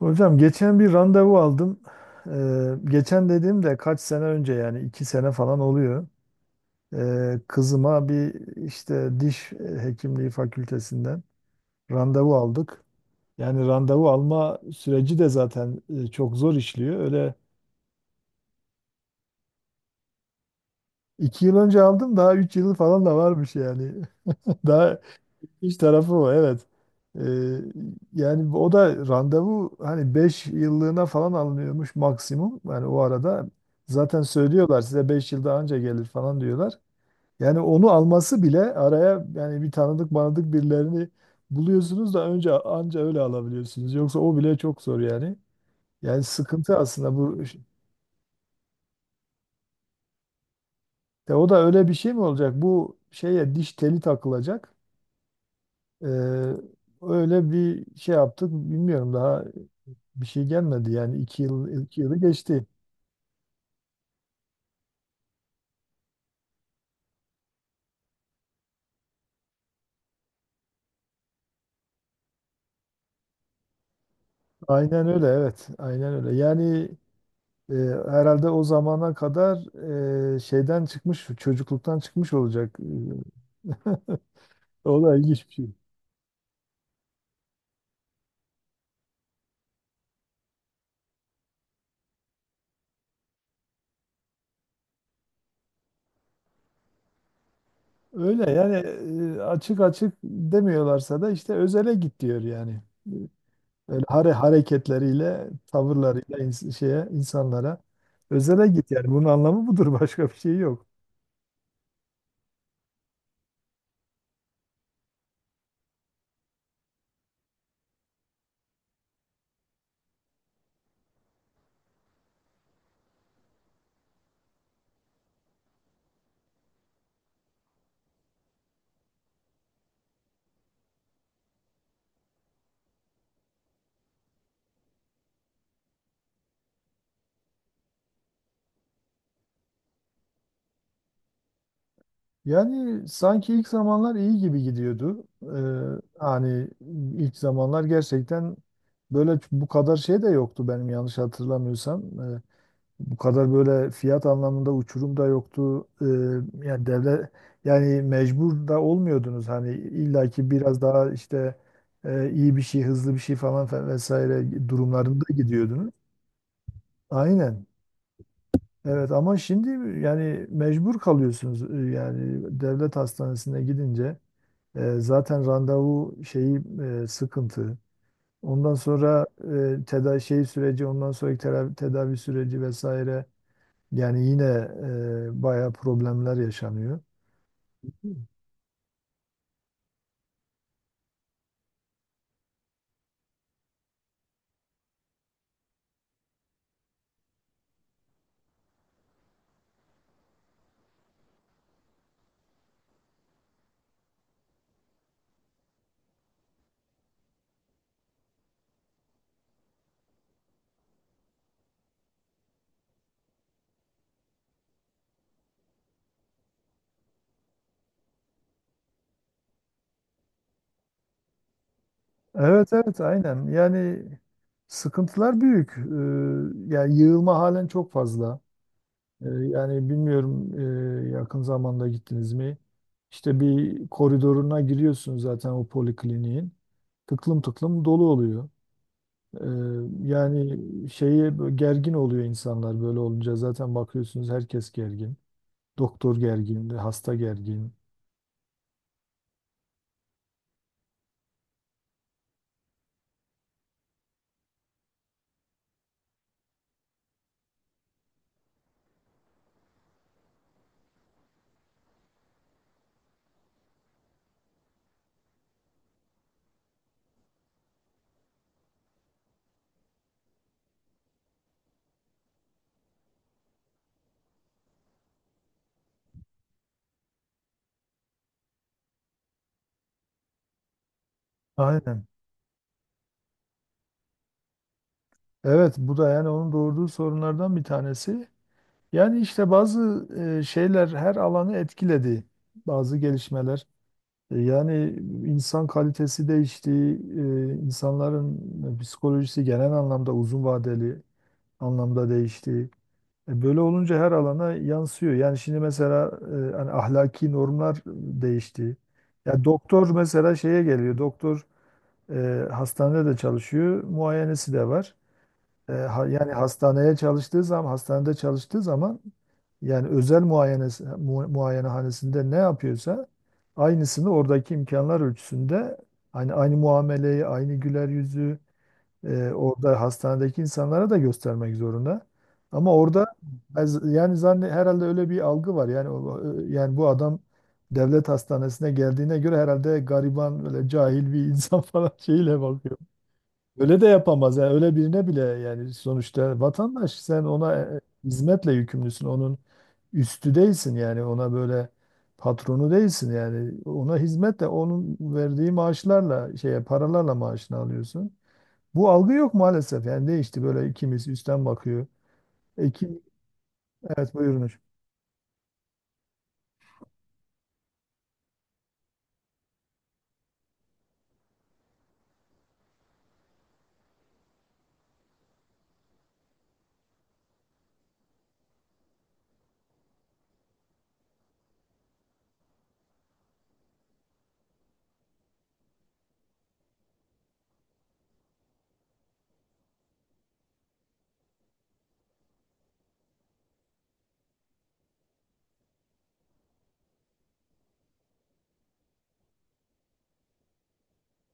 Hocam geçen bir randevu aldım. Geçen dediğimde kaç sene önce yani 2 sene falan oluyor. Kızıma bir işte diş hekimliği fakültesinden randevu aldık. Yani randevu alma süreci de zaten çok zor işliyor. Öyle 2 yıl önce aldım daha 3 yılı falan da varmış yani. Daha İş tarafı o evet. Ee, Yani o da randevu hani 5 yıllığına falan alınıyormuş maksimum. Yani o arada zaten söylüyorlar size 5 yıl daha önce gelir falan diyorlar. Yani onu alması bile araya yani bir tanıdık manadık birilerini buluyorsunuz da önce anca öyle alabiliyorsunuz. Yoksa o bile çok zor yani. Yani sıkıntı aslında bu. De o da öyle bir şey mi olacak? Bu şeye diş teli takılacak. Ee, Öyle bir şey yaptık bilmiyorum daha bir şey gelmedi yani 2 yılı geçti. Aynen öyle evet. Aynen öyle. Yani e, herhalde o zamana kadar şeyden çıkmış, çocukluktan çıkmış olacak. O da ilginç bir şey. Öyle yani açık açık demiyorlarsa da işte özele git diyor yani. Öyle hareketleriyle, tavırlarıyla şeye insanlara özele git yani. Bunun anlamı budur. Başka bir şey yok. Yani sanki ilk zamanlar iyi gibi gidiyordu. Hani ilk zamanlar gerçekten böyle bu kadar şey de yoktu benim yanlış hatırlamıyorsam. Ee, Bu kadar böyle fiyat anlamında uçurum da yoktu. Yani devlet yani mecbur da olmuyordunuz. Hani illaki biraz daha işte iyi bir şey, hızlı bir şey falan vesaire durumlarında gidiyordunuz. Aynen. Evet ama şimdi yani mecbur kalıyorsunuz. Yani devlet hastanesine gidince. Zaten randevu şeyi sıkıntı. Ondan sonra tedavi şey süreci, ondan sonraki tedavi süreci vesaire. Yani yine bayağı problemler yaşanıyor. Evet, evet, aynen. Yani sıkıntılar büyük. Yani yığılma halen çok fazla. Yani bilmiyorum yakın zamanda gittiniz mi? İşte bir koridoruna giriyorsun zaten o polikliniğin. Tıklım tıklım dolu oluyor. Ee, Yani şeye gergin oluyor insanlar böyle olunca zaten bakıyorsunuz herkes gergin. Doktor gergin, hasta gergin. Aynen. Evet bu da yani onun doğurduğu sorunlardan bir tanesi. Yani işte bazı şeyler her alanı etkiledi. Bazı gelişmeler. Yani insan kalitesi değişti. İnsanların psikolojisi genel anlamda uzun vadeli anlamda değişti. Böyle olunca her alana yansıyor. Yani şimdi mesela hani ahlaki normlar değişti. Ya doktor mesela şeye geliyor. Doktor hastanede de çalışıyor, muayenesi de var. Yani hastaneye çalıştığı zaman, hastanede çalıştığı zaman yani özel muayenesi, muayenehanesinde ne yapıyorsa aynısını oradaki imkanlar ölçüsünde aynı muameleyi, aynı güler yüzü orada hastanedeki insanlara da göstermek zorunda. Ama orada yani herhalde öyle bir algı var. Yani yani bu adam devlet hastanesine geldiğine göre herhalde gariban böyle cahil bir insan falan şeyle bakıyor. Öyle de yapamaz. Yani öyle birine bile yani sonuçta vatandaş sen ona hizmetle yükümlüsün. Onun üstü değilsin yani ona böyle patronu değilsin yani ona hizmetle onun verdiği maaşlarla şeye paralarla maaşını alıyorsun. Bu algı yok maalesef. Yani değişti böyle ikimiz üstten bakıyor. Ekim, evet buyurmuş.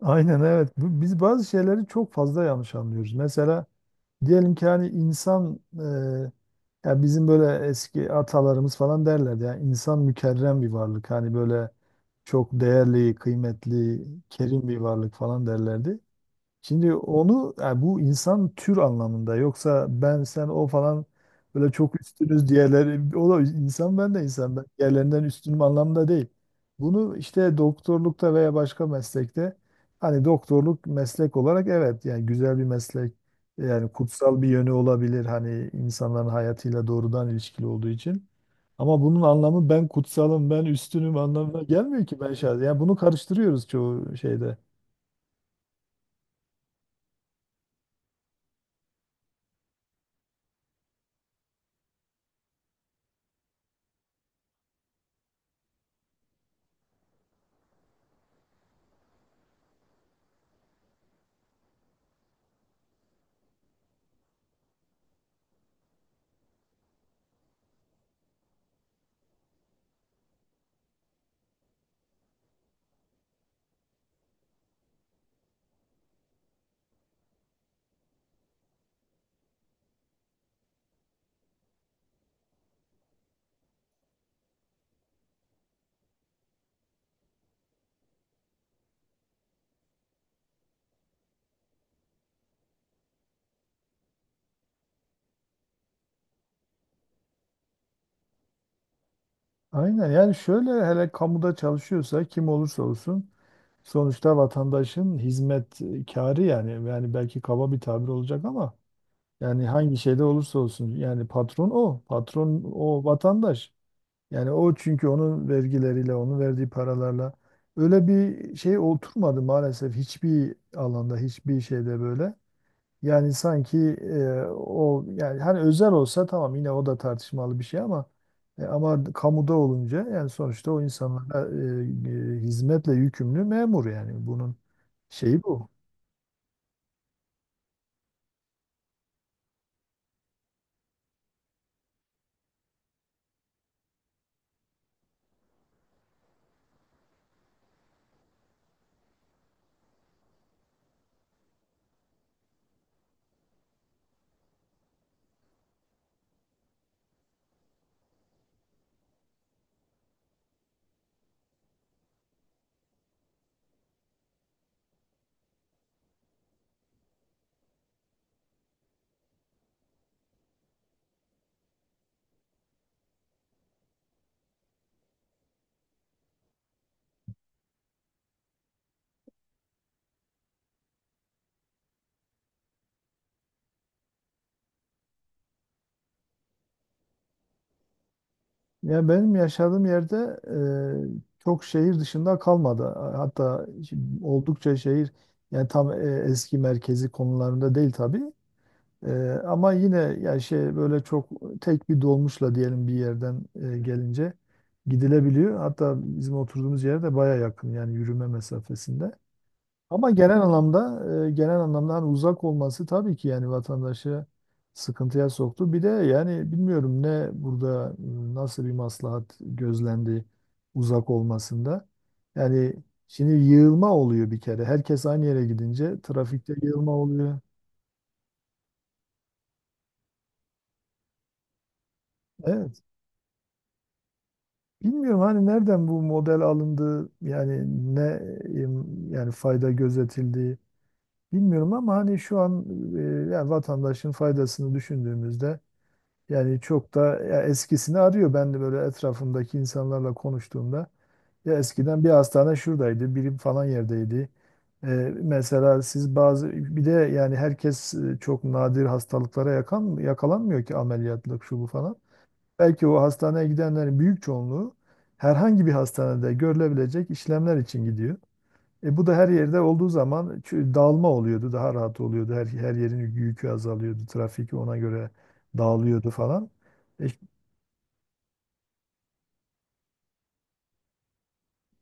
Aynen evet. Biz bazı şeyleri çok fazla yanlış anlıyoruz. Mesela diyelim ki hani insan ya bizim böyle eski atalarımız falan derlerdi. Yani insan mükerrem bir varlık. Hani böyle çok değerli, kıymetli, kerim bir varlık falan derlerdi. Şimdi onu yani bu insan tür anlamında yoksa ben sen o falan böyle çok üstünüz diğerleri o da insan ben de insan ben diğerlerinden üstünüm anlamda değil. Bunu işte doktorlukta veya başka meslekte hani doktorluk meslek olarak evet yani güzel bir meslek yani kutsal bir yönü olabilir hani insanların hayatıyla doğrudan ilişkili olduğu için. Ama bunun anlamı ben kutsalım ben üstünüm anlamına gelmiyor ki ben şahsen. Yani bunu karıştırıyoruz çoğu şeyde. Aynen yani şöyle hele kamuda çalışıyorsa kim olursa olsun sonuçta vatandaşın hizmet yani belki kaba bir tabir olacak ama yani hangi şeyde olursa olsun yani patron o patron o vatandaş yani o çünkü onun vergileriyle onun verdiği paralarla öyle bir şey oturmadı maalesef hiçbir alanda hiçbir şeyde böyle. Yani sanki o yani hani özel olsa tamam yine o da tartışmalı bir şey ama ama kamuda olunca yani sonuçta o insanlara hizmetle yükümlü memur yani bunun şeyi bu. Ya benim yaşadığım yerde çok şehir dışında kalmadı. Hatta oldukça şehir yani tam eski merkezi konularında değil tabii. Ee, Ama yine ya şey böyle çok tek bir dolmuşla diyelim bir yerden gelince gidilebiliyor. Hatta bizim oturduğumuz yere de baya yakın yani yürüme mesafesinde. Ama genel anlamda genel anlamda hani uzak olması tabii ki yani vatandaşı sıkıntıya soktu. Bir de yani bilmiyorum ne burada nasıl bir maslahat gözlendi uzak olmasında. Yani şimdi yığılma oluyor bir kere. Herkes aynı yere gidince trafikte yığılma oluyor. Evet. Bilmiyorum hani nereden bu model alındı yani ne em, yani fayda gözetildi bilmiyorum ama hani şu an e, yani vatandaşın faydasını düşündüğümüzde yani çok da ya eskisini arıyor. Ben de böyle etrafımdaki insanlarla konuştuğumda ya eskiden bir hastane şuradaydı, biri falan yerdeydi. E, Mesela siz bazı bir de yani herkes çok nadir hastalıklara yakalanmıyor ki ameliyatlık şu bu falan. Belki o hastaneye gidenlerin büyük çoğunluğu herhangi bir hastanede görülebilecek işlemler için gidiyor. E bu da her yerde olduğu zaman dağılma oluyordu, daha rahat oluyordu. Her yerin yükü azalıyordu, trafik ona göre dağılıyordu falan. E,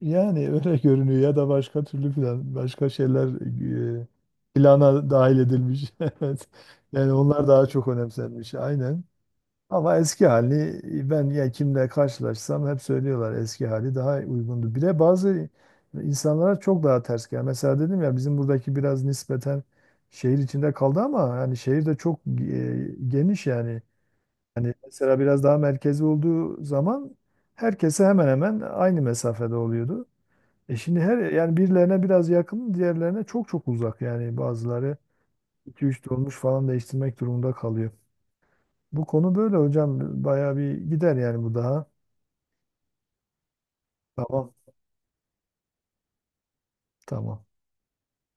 Yani öyle görünüyor ya da başka şeyler e, plana dahil edilmiş. Evet. Yani onlar daha çok önemsenmiş. Aynen. Ama eski hali ben ya kimle karşılaşsam hep söylüyorlar eski hali daha uygundu. Bir de bazı insanlara çok daha ters geliyor. Mesela dedim ya bizim buradaki biraz nispeten şehir içinde kaldı ama yani şehir de çok geniş yani. Hani mesela biraz daha merkezi olduğu zaman herkese hemen hemen aynı mesafede oluyordu. E şimdi her yani birilerine biraz yakın, diğerlerine çok çok uzak yani bazıları iki üç dolmuş falan değiştirmek durumunda kalıyor. Bu konu böyle hocam. Bayağı bir gider yani bu daha. Tamam. Tamam.